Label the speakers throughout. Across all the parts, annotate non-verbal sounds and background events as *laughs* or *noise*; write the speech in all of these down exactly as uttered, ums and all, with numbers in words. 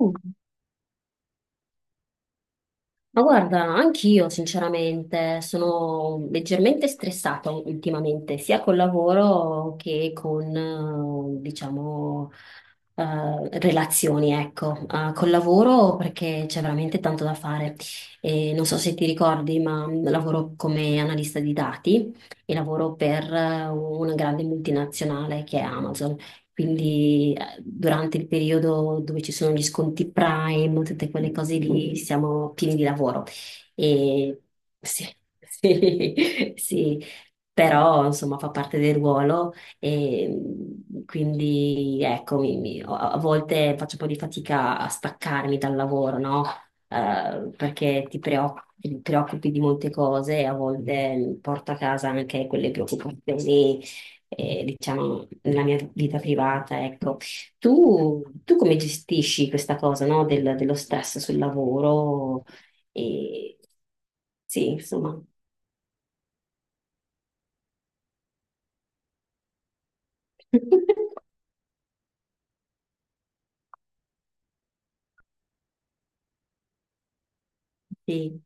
Speaker 1: Mm. Ma guarda, anch'io sinceramente sono leggermente stressata ultimamente, sia col lavoro che con, eh, diciamo, eh, relazioni, ecco. Eh, col lavoro perché c'è veramente tanto da fare. E non so se ti ricordi, ma lavoro come analista di dati e lavoro per eh, una grande multinazionale che è Amazon. Quindi durante il periodo dove ci sono gli sconti Prime, tutte quelle cose lì, siamo pieni di lavoro. E sì, *laughs* sì, sì. Però insomma fa parte del ruolo e mh, quindi ecco, mi- mi- a a volte faccio un po' di fatica a staccarmi dal lavoro, no? Eh, perché ti preoccupi ti preoccupi di molte cose e a volte mm, porto a casa anche quelle preoccupazioni, eh, diciamo, nella mia vita privata, ecco. Tu, tu come gestisci questa cosa, no, del- dello stress sul lavoro? E... Sì, insomma. *laughs* Sì.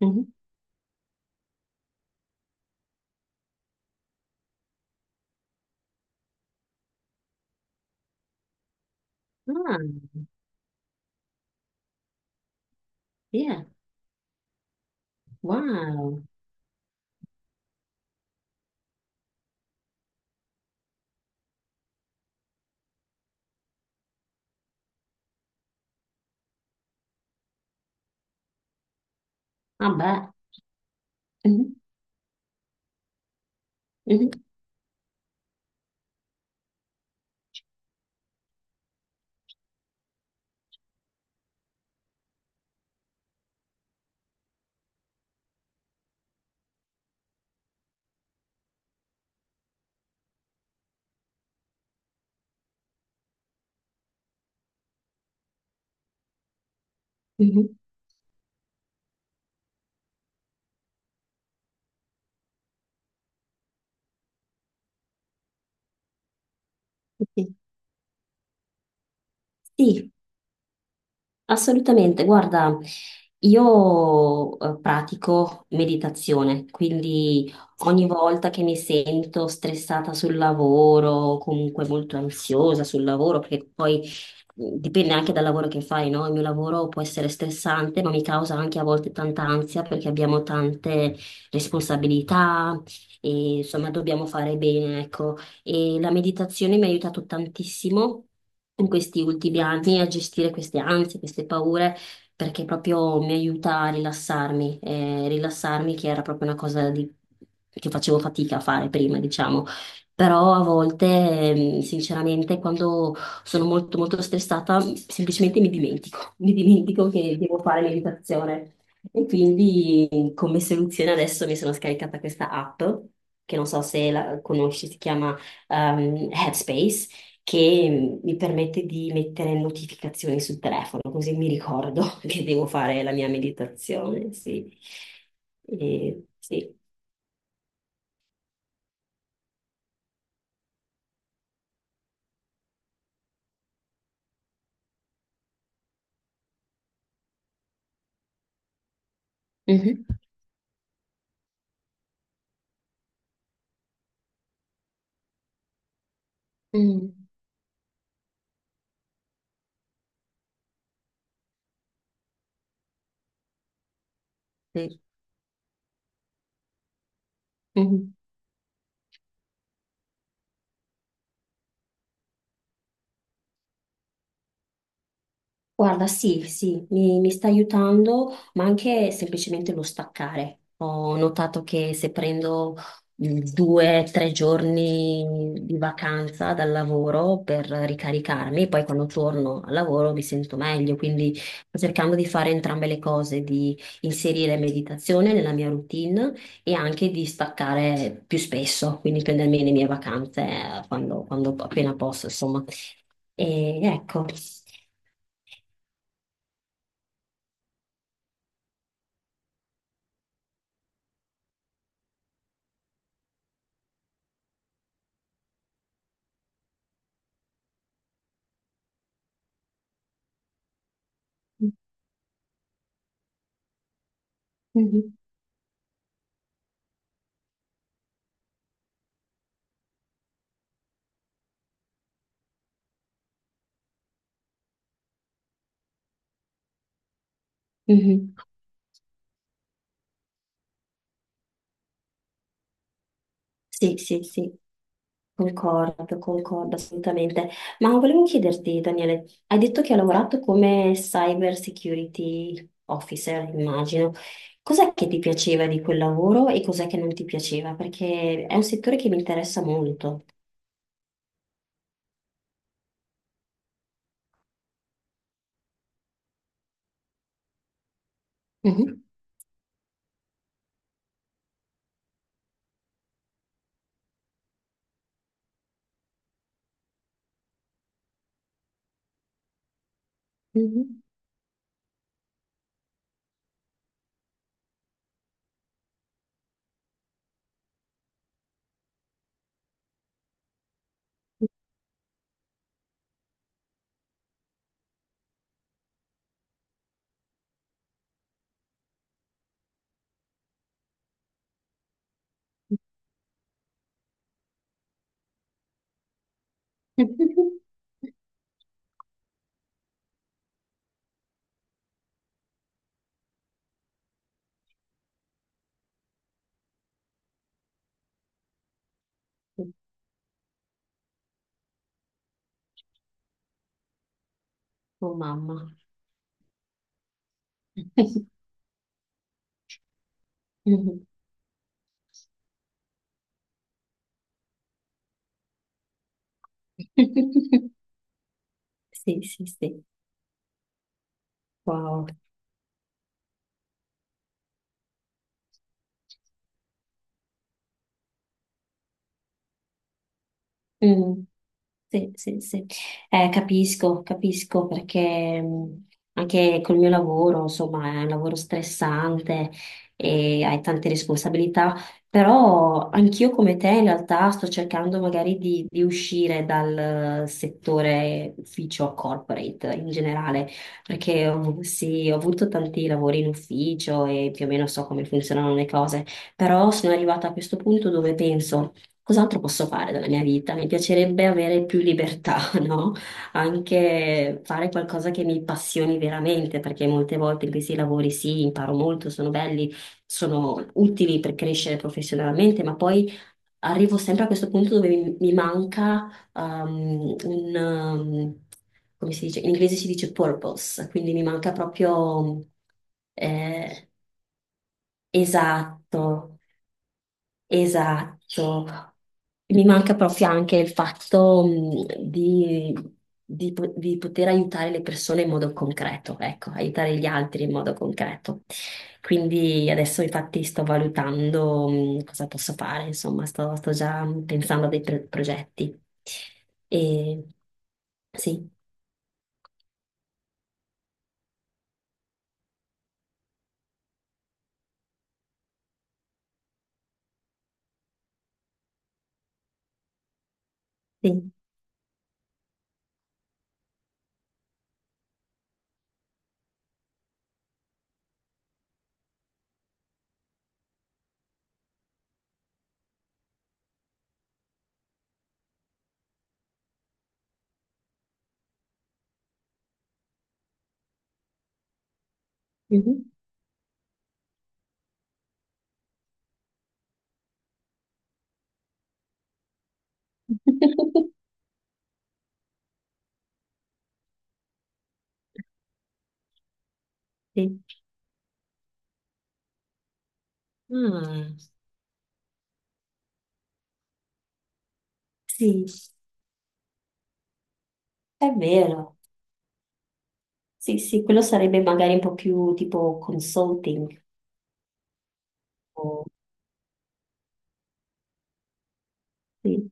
Speaker 1: Mhm. Ah, yeah, wow. Ah, beh. Mhm, mhm, mhm. Sì, assolutamente, guarda, io eh, pratico meditazione, quindi ogni volta che mi sento stressata sul lavoro, o comunque molto ansiosa sul lavoro, perché poi eh, dipende anche dal lavoro che fai, no? Il mio lavoro può essere stressante, ma mi causa anche a volte tanta ansia perché abbiamo tante responsabilità e insomma dobbiamo fare bene, ecco, e la meditazione mi ha aiutato tantissimo in questi ultimi anni a gestire queste ansie, queste paure, perché proprio mi aiuta a rilassarmi, eh, rilassarmi, che era proprio una cosa di- che facevo fatica a fare prima, diciamo. Però a volte, ehm, sinceramente, quando sono molto molto stressata, semplicemente mi dimentico, *laughs* mi dimentico che devo fare meditazione. E quindi come soluzione adesso mi sono scaricata questa app, che non so se la conosci, si chiama ehm, Headspace, che mi permette di mettere notificazioni sul telefono, così mi ricordo *laughs* che devo fare la mia meditazione, sì. E, sì. Mhm. Mm, sì. Mhm. Guarda, sì, sì, mi, mi sta aiutando, ma anche semplicemente lo staccare. Ho notato che se prendo mm, due, o tre giorni di vacanza dal lavoro per ricaricarmi, poi quando torno al lavoro mi sento meglio, quindi sto cercando di fare entrambe le cose, di inserire meditazione nella mia routine e anche di staccare più spesso, quindi prendermi le mie vacanze eh, quando, quando appena posso, insomma. E ecco. Mhm. Mhm. Sì, sì, sì, concordo, concordo assolutamente. Ma volevo chiederti, Daniele, hai detto che hai lavorato come cyber security officer, immagino. Cos'è che ti piaceva di quel lavoro e cos'è che non ti piaceva? Perché è un settore che mi interessa molto. Mhm. Mhm. *laughs* Oh mamma. *laughs* Mhm. Sì, sì, sì. Wow. Mm. Sì, sì, sì. Eh, capisco, capisco perché mh, anche col mio lavoro, insomma, è un lavoro stressante e hai tante responsabilità, però anch'io come te in realtà sto cercando magari di, di uscire dal settore ufficio corporate in generale, perché um, sì, ho avuto tanti lavori in ufficio e più o meno so come funzionano le cose, però sono arrivata a questo punto dove penso. Cos'altro posso fare della mia vita? Mi piacerebbe avere più libertà, *laughs* no? Anche fare qualcosa che mi passioni veramente, perché molte volte in questi lavori sì, imparo molto, sono belli, sono utili per crescere professionalmente, ma poi arrivo sempre a questo punto dove mi, mi manca um, un, um, come si dice? In inglese si dice purpose, quindi mi manca proprio eh, esatto. Esatto, mi manca proprio anche il fatto mh, di, di po- di poter aiutare le persone in modo concreto, ecco, aiutare gli altri in modo concreto. Quindi adesso infatti sto valutando mh, cosa posso fare, insomma, sto, sto già pensando a dei pro- progetti. E sì, sì. Mhm. *laughs* Sì. Ah, sì, è vero. Sì, sì, quello sarebbe magari un po' più tipo consulting. o- Sì,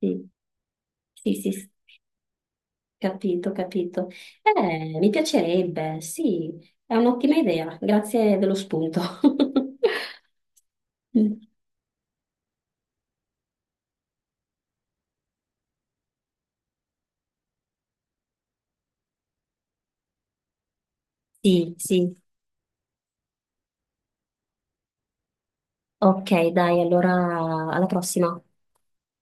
Speaker 1: sì, sì, sì, sì, capito, capito. Eh, mi piacerebbe, sì, è un'ottima idea, grazie dello spunto. *laughs* Sì, sì, ok, dai, allora alla prossima.